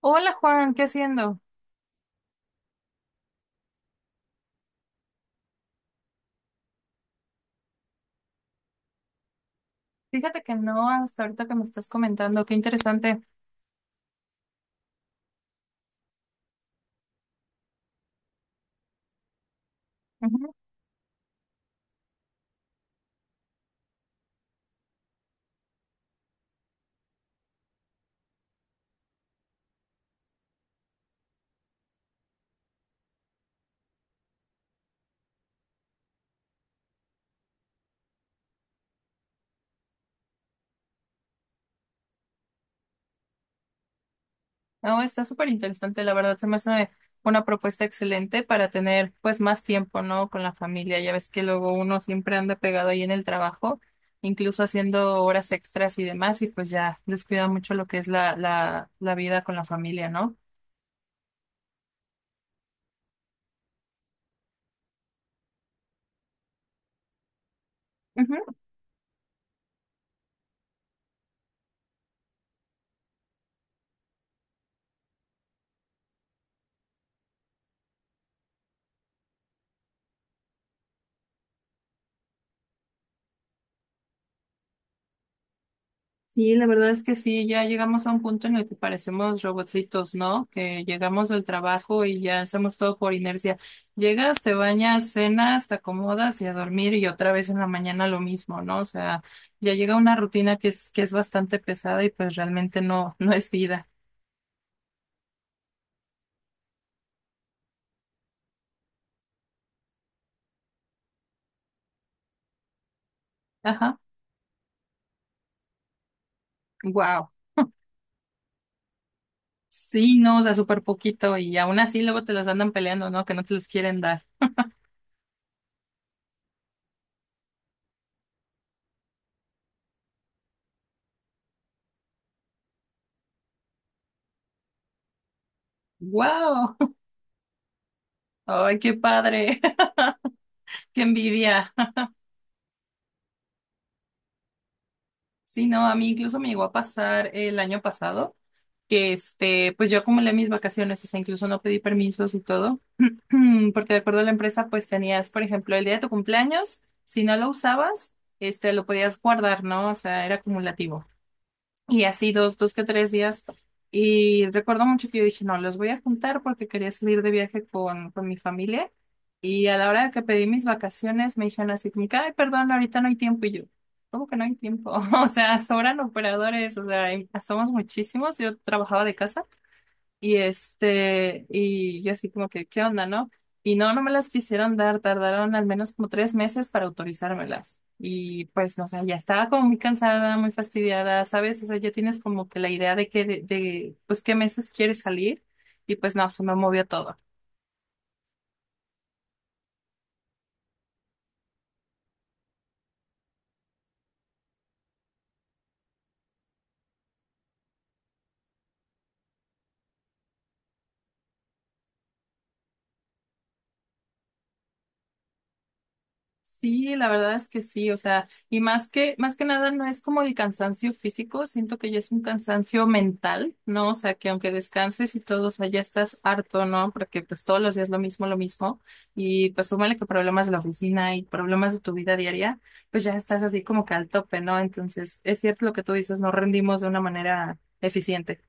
Hola Juan, ¿qué haciendo? Fíjate que no, hasta ahorita que me estás comentando, qué interesante. Ujú. No, está súper interesante, la verdad, se me hace una propuesta excelente para tener pues más tiempo, ¿no? Con la familia, ya ves que luego uno siempre anda pegado ahí en el trabajo, incluso haciendo horas extras y demás, y pues ya descuida mucho lo que es la vida con la familia, ¿no? Sí, la verdad es que sí, ya llegamos a un punto en el que parecemos robotcitos, ¿no? Que llegamos del trabajo y ya hacemos todo por inercia. Llegas, te bañas, cenas, te acomodas y a dormir y otra vez en la mañana lo mismo, ¿no? O sea, ya llega una rutina que es bastante pesada y pues realmente no, no es vida. Ajá. Wow. Sí, no, o sea, súper poquito y aún así luego te los andan peleando, ¿no? Que no te los quieren dar. Wow. Ay, qué padre. Qué envidia. Sí, no, a mí incluso me llegó a pasar el año pasado que este, pues yo acumulé mis vacaciones, o sea, incluso no pedí permisos y todo, porque de acuerdo a la empresa, pues tenías, por ejemplo, el día de tu cumpleaños, si no lo usabas, este, lo podías guardar, ¿no? O sea, era acumulativo. Y así dos que tres días. Y recuerdo mucho que yo dije, no, los voy a juntar porque quería salir de viaje con mi familia. Y a la hora que pedí mis vacaciones, me dijeron así, como que, ay, perdón, ahorita no hay tiempo. Y yo, ¿cómo que no hay tiempo? O sea, sobran operadores, o sea, somos muchísimos. Yo trabajaba de casa. Y yo así como que, ¿qué onda, no? Y no, no me las quisieron dar, tardaron al menos como 3 meses para autorizármelas. Y pues, no, o sea, ya estaba como muy cansada, muy fastidiada, ¿sabes? O sea, ya tienes como que la idea de que, pues, qué meses quieres salir. Y pues, no, se me movió todo. Sí, la verdad es que sí, o sea, y más que nada no es como el cansancio físico, siento que ya es un cansancio mental, ¿no? O sea, que aunque descanses y todo, o sea, ya estás harto, ¿no? Porque pues todos los días lo mismo, y pues súmale que problemas de la oficina y problemas de tu vida diaria, pues ya estás así como que al tope, ¿no? Entonces, es cierto lo que tú dices, no rendimos de una manera eficiente.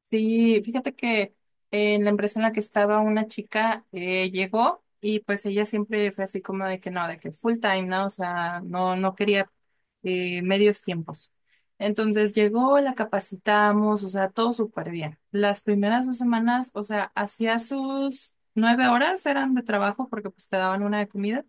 Sí, fíjate que en la empresa en la que estaba una chica llegó y pues ella siempre fue así como de que no, de que full time, ¿no? O sea, no, no quería medios tiempos. Entonces llegó, la capacitamos, o sea, todo súper bien. Las primeras 2 semanas, o sea, hacía sus 9 horas eran de trabajo porque pues te daban una de comida.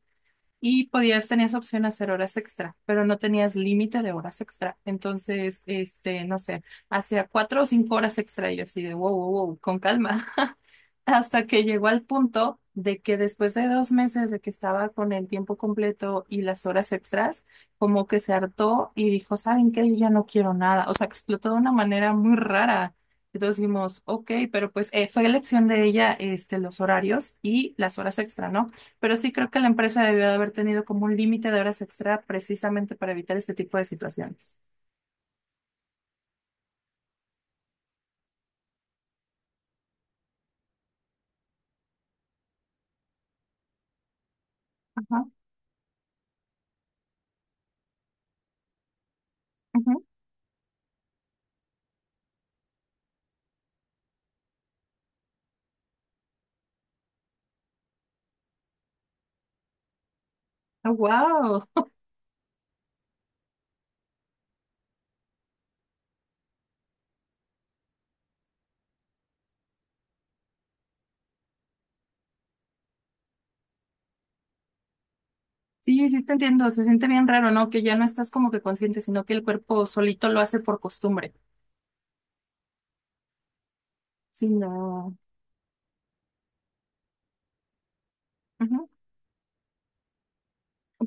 Y podías, tenías opción a hacer horas extra, pero no tenías límite de horas extra. Entonces, este, no sé, hacía 4 o 5 horas extra y yo así de wow, wow, wow, con calma. Hasta que llegó al punto de que después de 2 meses de que estaba con el tiempo completo y las horas extras, como que se hartó y dijo, ¿saben qué? Yo ya no quiero nada. O sea, explotó de una manera muy rara. Entonces dijimos, ok, pero pues fue elección de ella, este, los horarios y las horas extra, ¿no? Pero sí creo que la empresa debió de haber tenido como un límite de horas extra precisamente para evitar este tipo de situaciones. Ajá. Wow. Sí, sí te entiendo. Se siente bien raro, ¿no? Que ya no estás como que consciente, sino que el cuerpo solito lo hace por costumbre. Sí, no.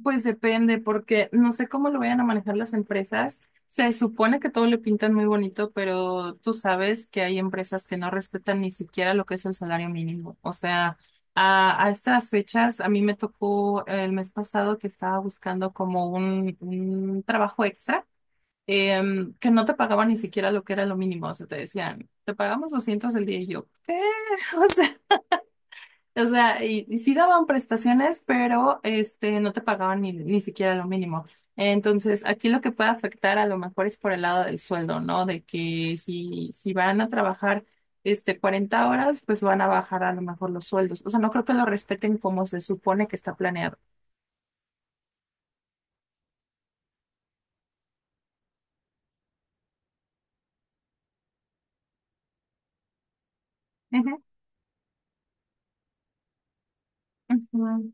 Pues depende, porque no sé cómo lo vayan a manejar las empresas. Se supone que todo le pintan muy bonito, pero tú sabes que hay empresas que no respetan ni siquiera lo que es el salario mínimo. O sea, a estas fechas, a mí me tocó el mes pasado que estaba buscando como un, trabajo extra, que no te pagaban ni siquiera lo que era lo mínimo. O sea, te decían, te pagamos 200 el día y yo, ¿qué? O sea, y sí daban prestaciones, pero no te pagaban ni siquiera lo mínimo. Entonces, aquí lo que puede afectar a lo mejor es por el lado del sueldo, ¿no? De que si, van a trabajar 40 horas, pues van a bajar a lo mejor los sueldos. O sea, no creo que lo respeten como se supone que está planeado. Ujú, ujú,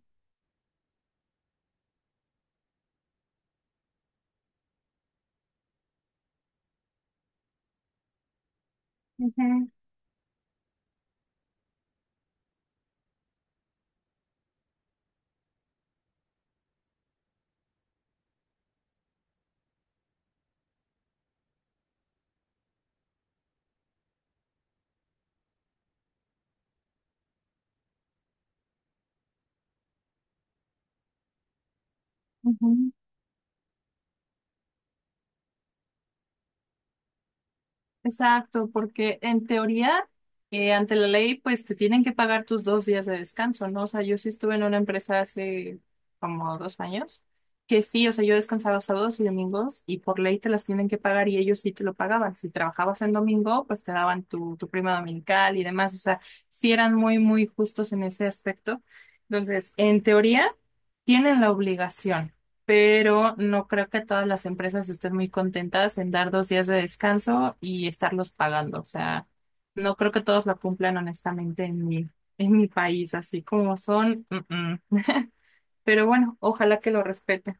ujú, ujú. Exacto, porque en teoría, ante la ley, pues te tienen que pagar tus 2 días de descanso, ¿no? O sea, yo sí estuve en una empresa hace como 2 años, que sí, o sea, yo descansaba sábados y domingos y por ley te las tienen que pagar y ellos sí te lo pagaban. Si trabajabas en domingo, pues te daban tu prima dominical y demás. O sea, sí eran muy, muy justos en ese aspecto. Entonces, en teoría tienen la obligación, pero no creo que todas las empresas estén muy contentas en dar 2 días de descanso y estarlos pagando. O sea, no creo que todos la cumplan honestamente en mi país, así como son. Mm, mm. Pero bueno, ojalá que lo respeten.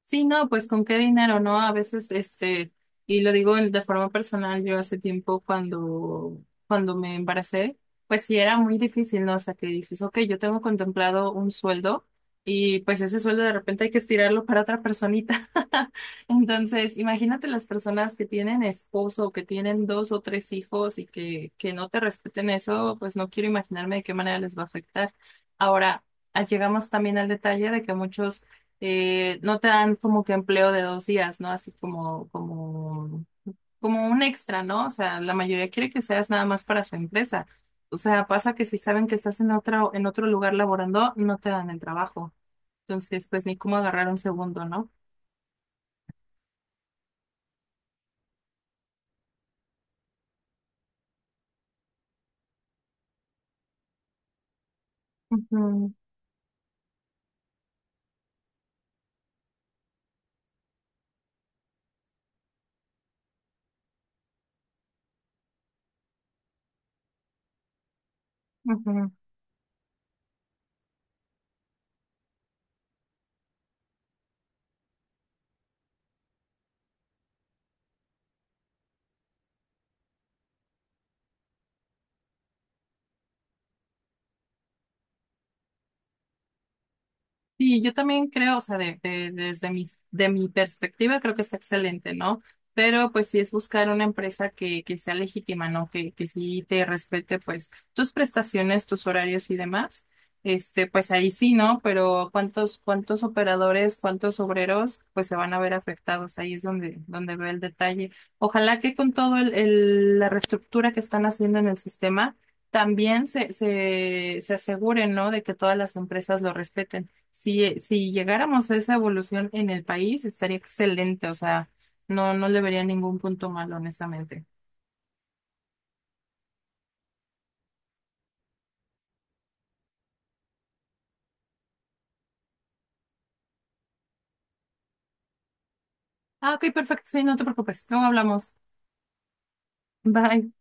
Sí, no, pues con qué dinero, ¿no? A veces, y lo digo de forma personal, yo hace tiempo cuando, me embaracé, pues sí era muy difícil, ¿no? O sea, que dices, ok, yo tengo contemplado un sueldo y pues ese sueldo de repente hay que estirarlo para otra personita. Entonces, imagínate las personas que tienen esposo, que tienen dos o tres hijos y que no te respeten eso, pues no quiero imaginarme de qué manera les va a afectar. Ahora, llegamos también al detalle de que muchos no te dan como que empleo de 2 días, ¿no? Así como un extra, ¿no? O sea, la mayoría quiere que seas nada más para su empresa. O sea, pasa que si saben que estás en otro lugar laborando, no te dan el trabajo. Entonces, pues ni cómo agarrar un segundo, ¿no? Ujú, ujú. Sí, yo también creo, o sea, de mi perspectiva creo que está excelente, ¿no? Pero pues sí es buscar una empresa que sea legítima, ¿no? Que sí te respete pues tus prestaciones, tus horarios y demás. Pues ahí sí, ¿no? Pero ¿cuántos operadores, cuántos obreros pues se van a ver afectados? Ahí es donde veo el detalle. Ojalá que con todo la reestructura que están haciendo en el sistema, también se aseguren, ¿no? De que todas las empresas lo respeten. Si llegáramos a esa evolución en el país, estaría excelente. O sea, no, no le vería ningún punto malo, honestamente. Ah, ok, perfecto. Sí, no te preocupes. Luego hablamos. Bye.